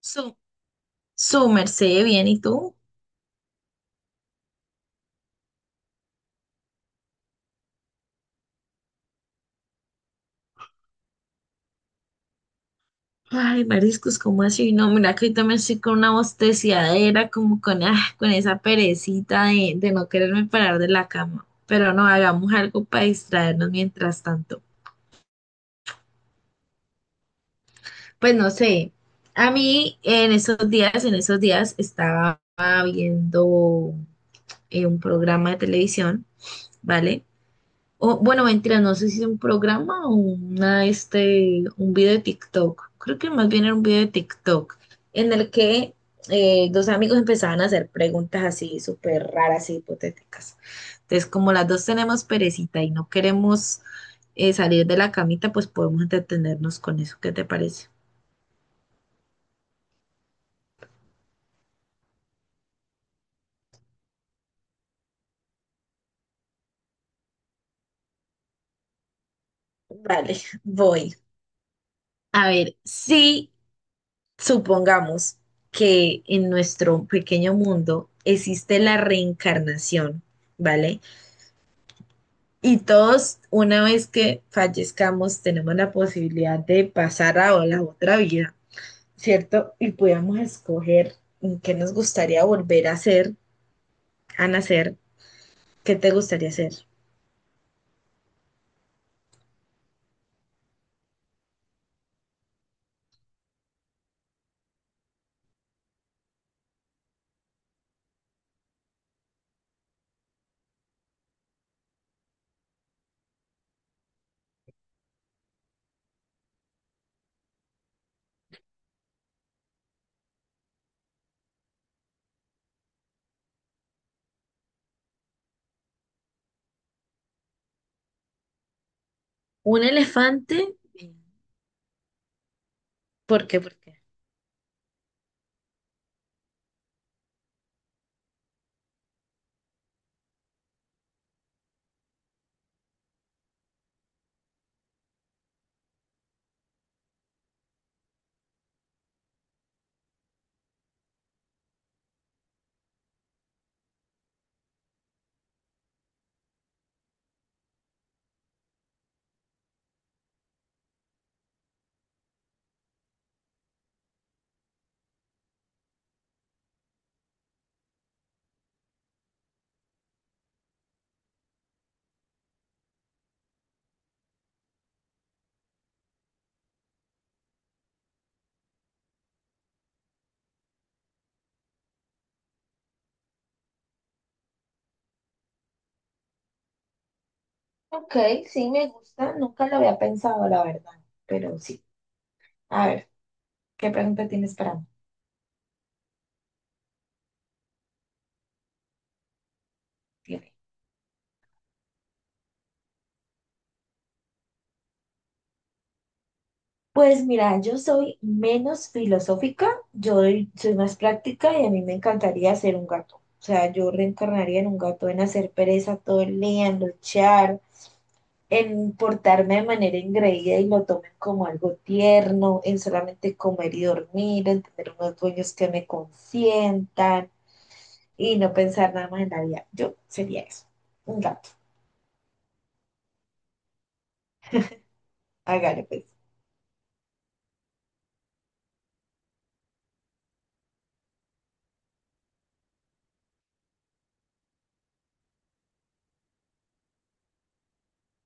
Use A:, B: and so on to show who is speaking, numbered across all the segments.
A: Su, su merced, bien, ¿y tú? Ay, mariscos, ¿cómo así? No, mira que ahorita me estoy con una bosteciadera, con esa perecita de no quererme parar de la cama. Pero no, hagamos algo para distraernos mientras tanto. Pues no sé, a mí en esos días estaba viendo un programa de televisión, ¿vale? O, bueno, mentira, no sé si es un programa o un video de TikTok. Creo que más bien era un video de TikTok en el que dos amigos empezaban a hacer preguntas así súper raras y hipotéticas. Entonces, como las dos tenemos perecita y no queremos salir de la camita, pues podemos entretenernos con eso. ¿Qué te parece? Vale, voy. A ver, si supongamos que en nuestro pequeño mundo existe la reencarnación, ¿vale? Y todos, una vez que fallezcamos, tenemos la posibilidad de pasar a la otra vida, ¿cierto? Y podamos escoger en qué nos gustaría volver a ser, a nacer, qué te gustaría ser. ¿Un elefante? ¿Por qué? ¿Por qué? Ok, sí, me gusta. Nunca lo había pensado, la verdad. Pero sí. A ver, ¿qué pregunta tienes para mí? Pues mira, yo soy menos filosófica, yo soy más práctica y a mí me encantaría ser un gato. O sea, yo reencarnaría en un gato, en hacer pereza todo el día, en luchar, en portarme de manera ingreída y lo tomen como algo tierno, en solamente comer y dormir, en tener unos dueños que me consientan y no pensar nada más en la vida. Yo sería eso, un gato. Hágale pues.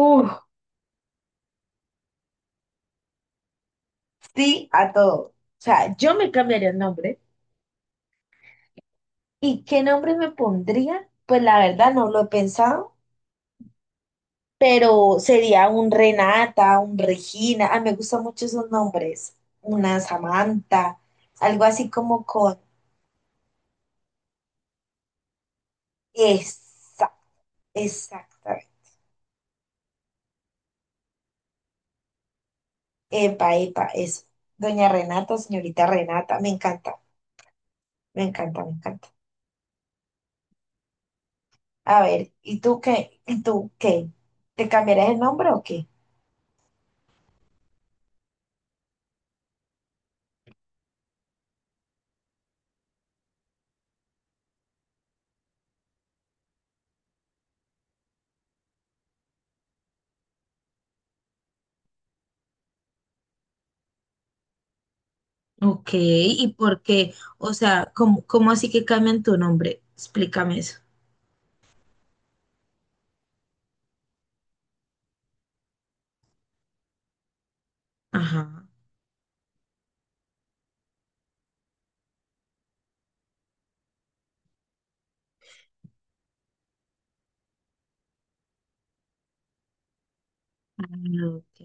A: Uf, sí a todo. O sea, yo me cambiaría el nombre. ¿Y qué nombre me pondría? Pues la verdad no lo he pensado, pero sería un Renata, un Regina. Ah, me gustan mucho esos nombres. Una Samantha, algo así como con... Esa, exactamente. Epa, epa, eso. Doña Renata, señorita Renata, me encanta, me encanta, me encanta. A ver, ¿y tú qué? ¿Y tú qué? ¿Te cambiarás el nombre o qué? Ok, ¿y por qué? O sea, ¿cómo, cómo así que cambian tu nombre? Explícame eso. Ajá. Ah, ok.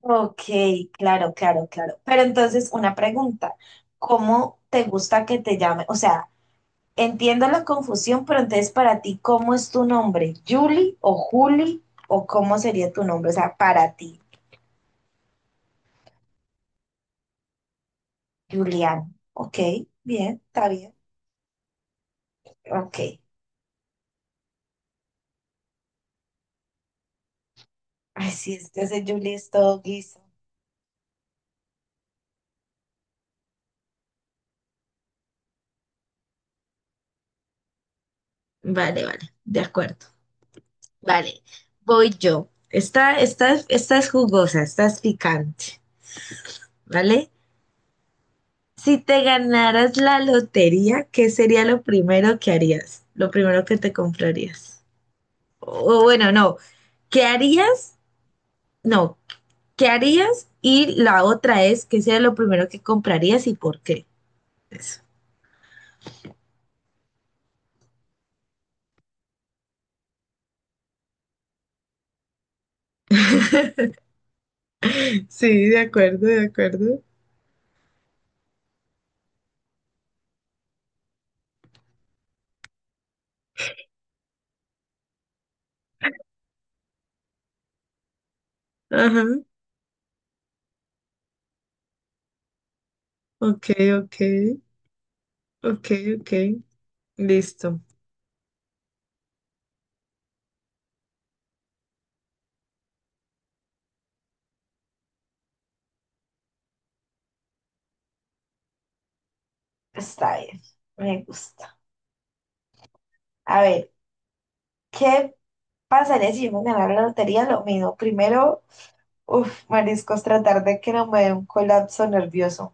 A: Ok, claro, claro, claro. Pero entonces, una pregunta, ¿cómo te gusta que te llame? O sea, entiendo la confusión, pero entonces para ti, ¿cómo es tu nombre? ¿Julie o Juli? ¿O cómo sería tu nombre? O sea, para ti, Julián. Ok, bien, está bien. Ok. Ay, sí, este es Julie es todo guiso. Vale, vale, de acuerdo. Vale, voy yo. Esta es jugosa, esta es picante, ¿vale? Si te ganaras la lotería, ¿qué sería lo primero que harías? Lo primero que te comprarías. O bueno, no. ¿Qué harías? No. ¿Qué harías? Y la otra es, ¿qué sería lo primero que comprarías y por qué? Eso. Sí, de acuerdo, de acuerdo. Ajá. Ok, ok, ok, ok. Listo. Está bien, me gusta. A ver, ¿qué pasaría si yo me ganara la lotería? Lo mismo, primero uf, mariscos, tratar de que no me dé un colapso nervioso,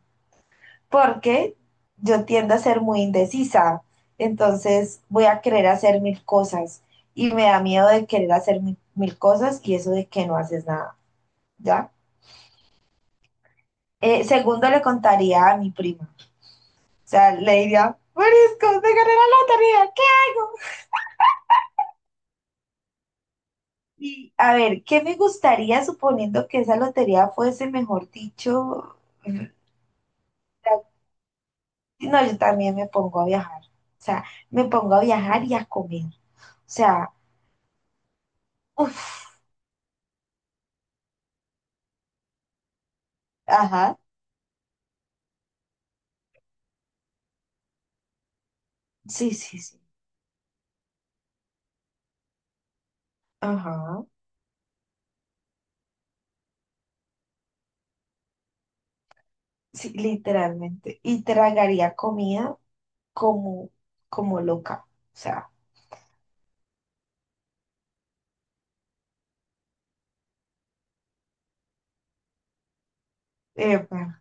A: porque yo tiendo a ser muy indecisa, entonces voy a querer hacer mil cosas y me da miedo de querer hacer mil cosas y eso de que no haces nada, ¿ya? Segundo, le contaría a mi prima, o sea, le diría, mariscos, me gané la lotería, ¿qué hago? Y a ver, ¿qué me gustaría suponiendo que esa lotería fuese, mejor dicho, no, yo también me pongo a viajar. O sea, me pongo a viajar y a comer. O sea, uff, ajá, sí, sí, sí, ajá, sí, literalmente. Y tragaría comida como, como loca. O sea, bueno,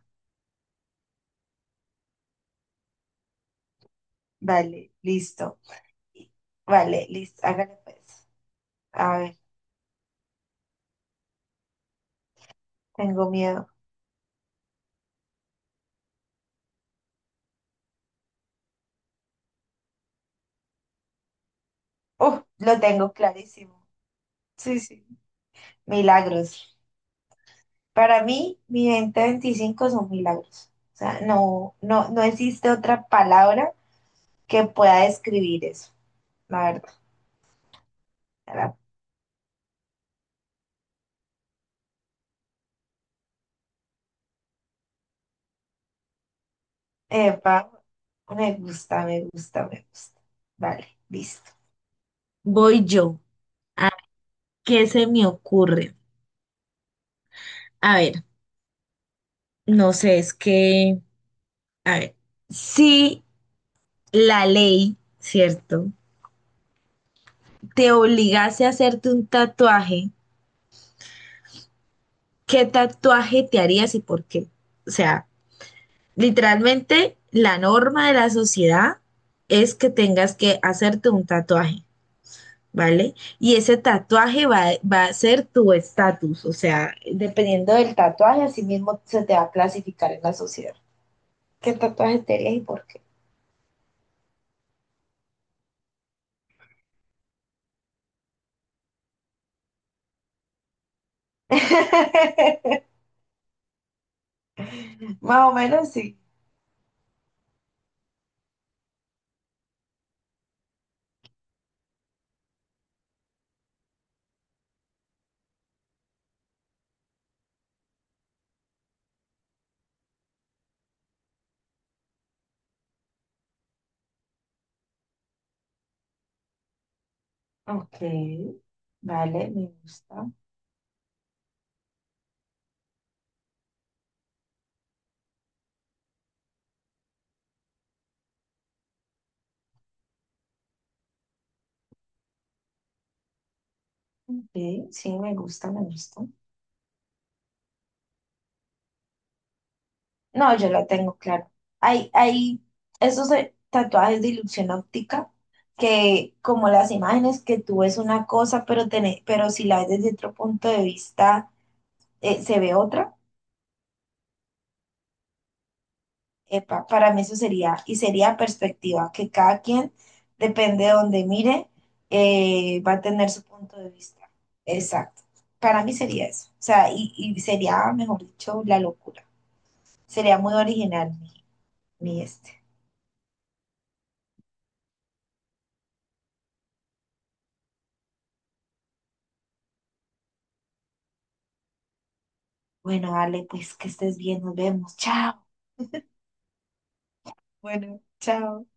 A: vale, listo. Vale, listo, hágale pues. A ver, tengo miedo. Uf, lo tengo clarísimo. Sí, sí. Milagros. Para mí, mi venta 25 son milagros. O sea, no, no, no existe otra palabra que pueda describir eso, la verdad. Era- Epa, me gusta, me gusta, me gusta. Vale, listo. Voy yo. ¿A qué se me ocurre? A ver, no sé, es que, a ver, si la ley, ¿cierto? Te obligase a hacerte un tatuaje, ¿qué tatuaje te harías y por qué? O sea, literalmente, la norma de la sociedad es que tengas que hacerte un tatuaje, ¿vale? Y ese tatuaje va a ser tu estatus, o sea, dependiendo del tatuaje, así mismo se te va a clasificar en la sociedad. ¿Qué tatuaje te harías y por qué? Más o menos sí. Ok, vale, me gusta. Ok, sí, me gusta, me gusta. No, yo la tengo, claro. Hay esos tatuajes de ilusión óptica que como las imágenes que tú ves una cosa, pero, pero si la ves desde otro punto de vista se ve otra. Epa, para mí eso sería, y sería perspectiva, que cada quien, depende de donde mire, va a tener su punto de vista. Exacto. Para mí sería eso. O sea, y sería, mejor dicho, la locura. Sería muy original mi, mi este. Bueno, Ale, pues que estés bien, nos vemos. Chao. Bueno, chao.